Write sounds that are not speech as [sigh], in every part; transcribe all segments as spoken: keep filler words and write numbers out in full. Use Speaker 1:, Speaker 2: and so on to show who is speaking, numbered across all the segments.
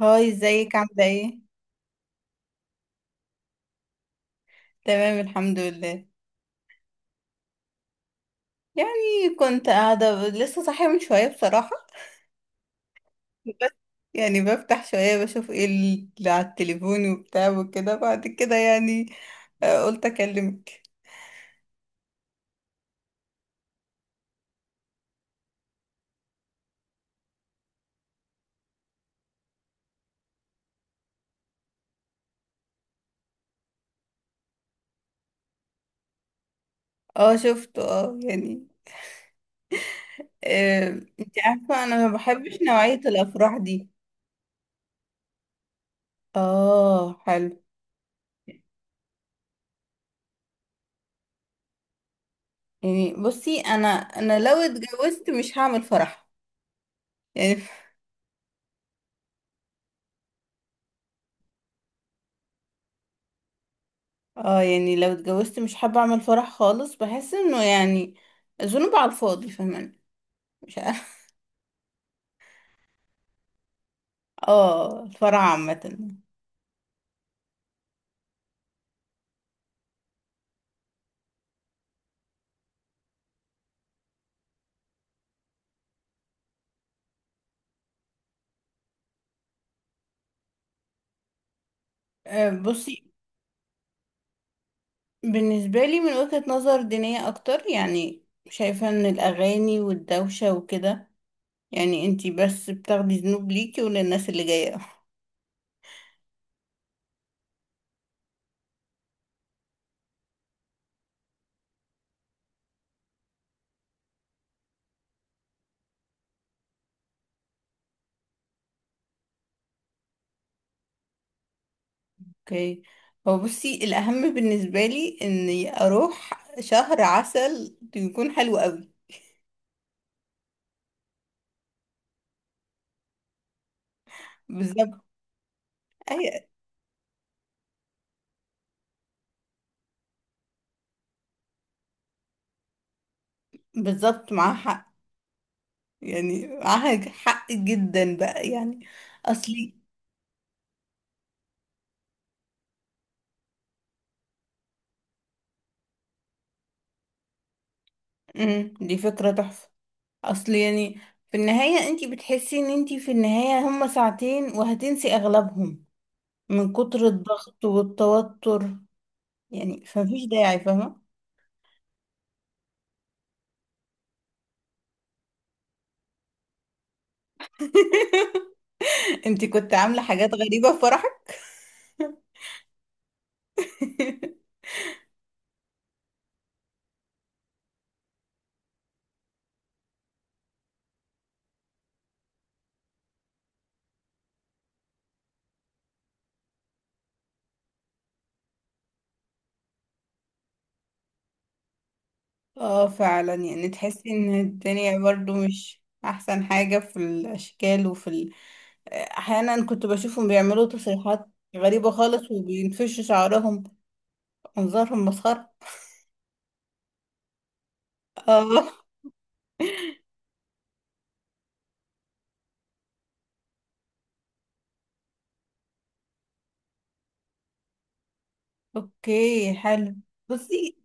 Speaker 1: هاي، ازيك؟ عاملة ايه؟ تمام الحمد لله. يعني كنت قاعدة ب- لسه صاحية من شوية بصراحة، بس. يعني بفتح شوية بشوف ايه اللي على التليفون وبتاع وكده بعد كده، يعني آه، قلت اكلمك. اه شفته، اه يعني. آه، انت عارفة انا ما بحبش نوعية الافراح دي. اه حلو. يعني بصي، انا انا لو اتجوزت مش هعمل فرح، يعني [laughs] اه يعني لو اتجوزت مش حابة اعمل فرح خالص، بحس انه يعني ذنوب على الفاضي، فاهماني؟ مش عارفة. [laughs] اه، الفرح عامة. آه، بصي، بالنسبة لي من وجهة نظر دينية اكتر، يعني شايفة ان الاغاني والدوشة وكده، يعني انتي بس بتاخدي ذنوب ليكي وللناس اللي جاية [laughs] اوكي، هو بصي الاهم بالنسبة لي اني اروح شهر عسل يكون حلو قوي. بالظبط. اي، بالظبط معاها حق. يعني معاها حق جدا بقى، يعني اصلي. امم دي فكرة تحفة. اصل يعني في النهاية انتي بتحسي ان انتي في النهاية هما ساعتين وهتنسي اغلبهم من كتر الضغط والتوتر، يعني فمفيش داعي، فاهمة؟ [laughs] انتي كنت عاملة حاجات غريبة في فرحك؟ [laughs] اه فعلا، يعني تحسي ان الدنيا برضو مش احسن حاجة في الاشكال وفي ال... احيانا كنت بشوفهم بيعملوا تصريحات غريبة خالص، وبينفشوا شعرهم، منظرهم مسخرة. اه، اوكي حلو. بصي،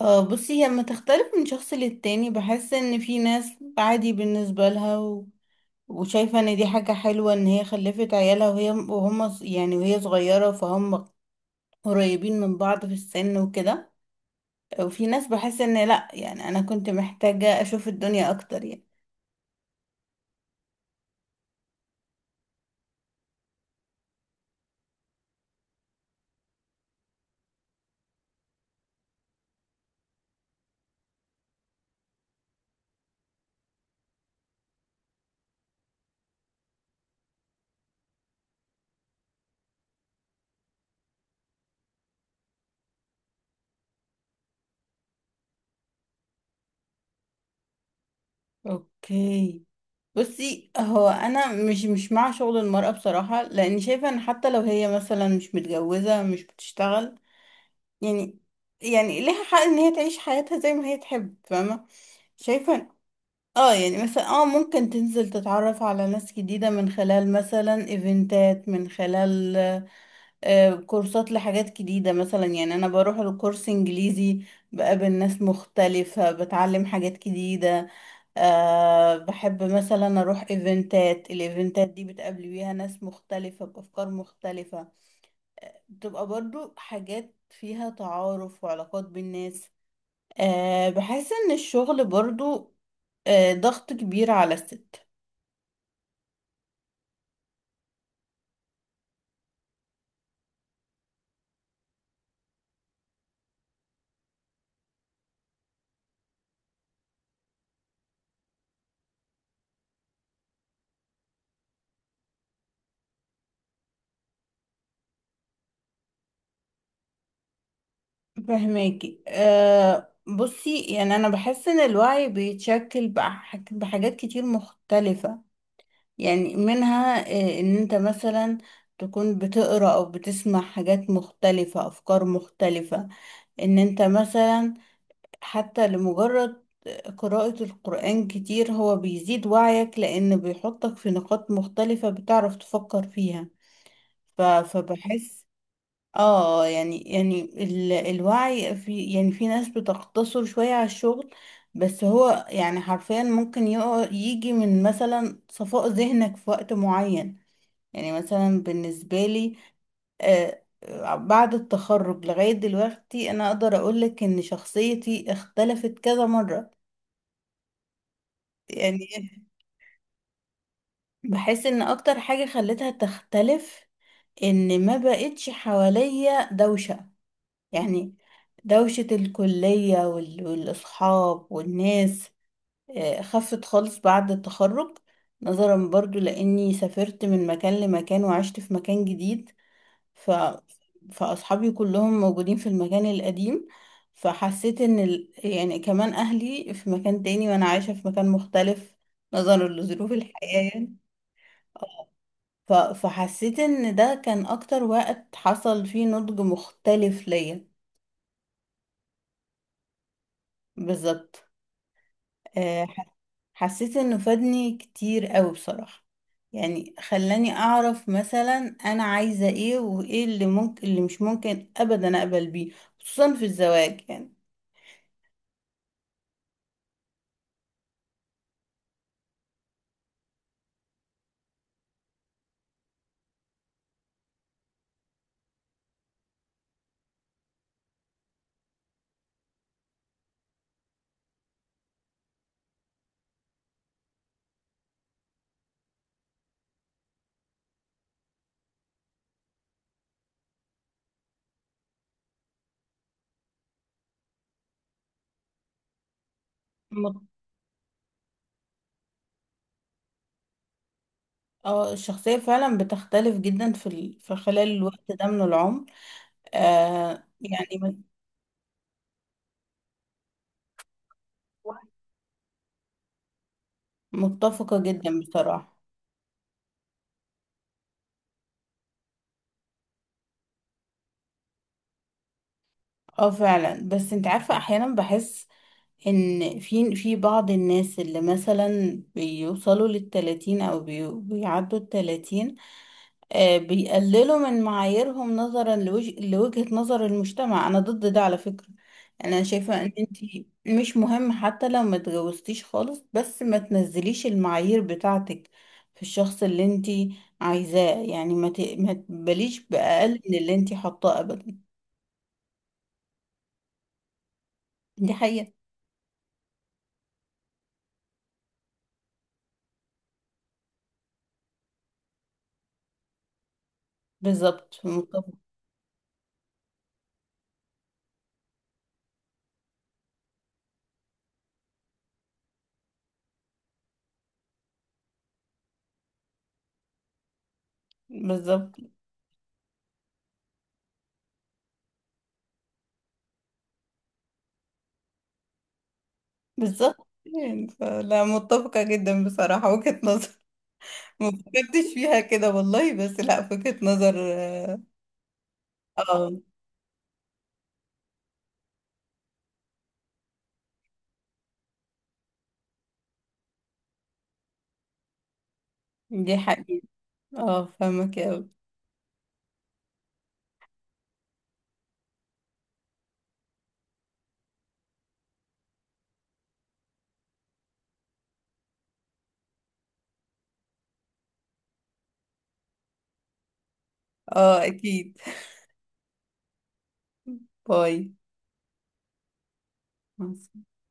Speaker 1: اه بصي، هي لما تختلف من شخص للتاني، بحس ان في ناس عادي بالنسبة لها، و... وشايفة ان دي حاجة حلوة ان هي خلفت عيالها، وهي وهم ص- يعني وهي صغيرة، فهم قريبين من بعض في السن وكده. وفي ناس بحس ان لا، يعني انا كنت محتاجة اشوف الدنيا اكتر، يعني. اوكي. بصي، هو انا مش مش مع شغل المرأة بصراحة، لان شايفة ان حتى لو هي مثلا مش متجوزة مش بتشتغل، يعني، يعني ليها حق ان هي تعيش حياتها زي ما هي تحب، فاهمة؟ شايفة إن- اه يعني مثلا، اه ممكن تنزل تتعرف على ناس جديدة من خلال مثلا ايفنتات، من خلال آه، كورسات لحاجات جديدة مثلا، يعني أنا بروح لكورس إنجليزي، بقابل ناس مختلفة، بتعلم حاجات جديدة. أه بحب مثلا اروح ايفنتات، الايفنتات دي بتقابلي بيها ناس مختلفة بافكار مختلفة، بتبقى برضو حاجات فيها تعارف وعلاقات بين الناس. أه بحس ان الشغل برضو أه ضغط كبير على الست. فهماكي. أه بصي، يعني انا بحس ان الوعي بيتشكل بح- بحاجات كتير مختلفة، يعني منها أه ان انت مثلا تكون بتقرأ او بتسمع حاجات مختلفة، افكار مختلفة، ان انت مثلا حتى لمجرد قراءة القرآن كتير، هو بيزيد وعيك، لان بيحطك في نقاط مختلفة بتعرف تفكر فيها. ف... فبحس اه، يعني يعني ال... الوعي، في يعني في ناس بتقتصر شوية على الشغل، بس هو يعني حرفيا ممكن يقع- يجي من مثلا صفاء ذهنك في وقت معين، يعني مثلا بالنسبة لي. آه، آه، بعد التخرج لغاية دلوقتي أنا أقدر أقولك إن شخصيتي اختلفت كذا مرة، يعني. بحس إن أكتر حاجة خلتها تختلف إن ما بقتش حواليا دوشة، يعني دوشة الكلية وال- والأصحاب والناس. آه، خفت خالص بعد التخرج، نظرا برضو لأني سافرت من مكان لمكان وعشت في مكان جديد. ف... فأصحابي كلهم موجودين في المكان القديم، فحسيت إن ال... يعني كمان أهلي في مكان تاني وأنا عايشة في مكان مختلف نظرا لظروف الحياة، يعني. ف... فحسيت إن ده كان أكتر وقت حصل فيه نضج مختلف ليا. بالظبط. آه، ح- حسيت إنه فادني كتير قوي بصراحة، يعني خلاني أعرف مثلا أنا عايزة إيه، وإيه اللي ممكن اللي مش ممكن أبدا أقبل بيه، خصوصا في الزواج. يعني اه الشخصية فعلا بتختلف جدا في ال... في خلال الوقت ده من العمر، آه يعني م- متفقة جدا بصراحة. اه فعلا، بس انت عارفة احيانا بحس ان في في بعض الناس اللي مثلا بيوصلوا للتلاتين او بي... بيعدوا التلاتين، آه، بيقللوا من معاييرهم نظرا لوج... لوجهة نظر المجتمع، انا ضد ده على فكرة. يعني انا شايفة ان انتي مش مهم حتى لو ما اتجوزتيش خالص، بس ما تنزليش المعايير بتاعتك في الشخص اللي انتي عايزاه، يعني ما, ت... ما تباليش بأقل من اللي انتي حاطاه ابدا. دي حقيقة. بالظبط متفق. بالظبط بالظبط، يعني ف- لا، متفقة جدا بصراحة وجهة نظر [laughs] ما فكرتش فيها كده والله، بس لا، وجهة نظر آه، آه. دي حقيقة. اه فاهمك اوي. اه اكيد. باي، مع السلامة.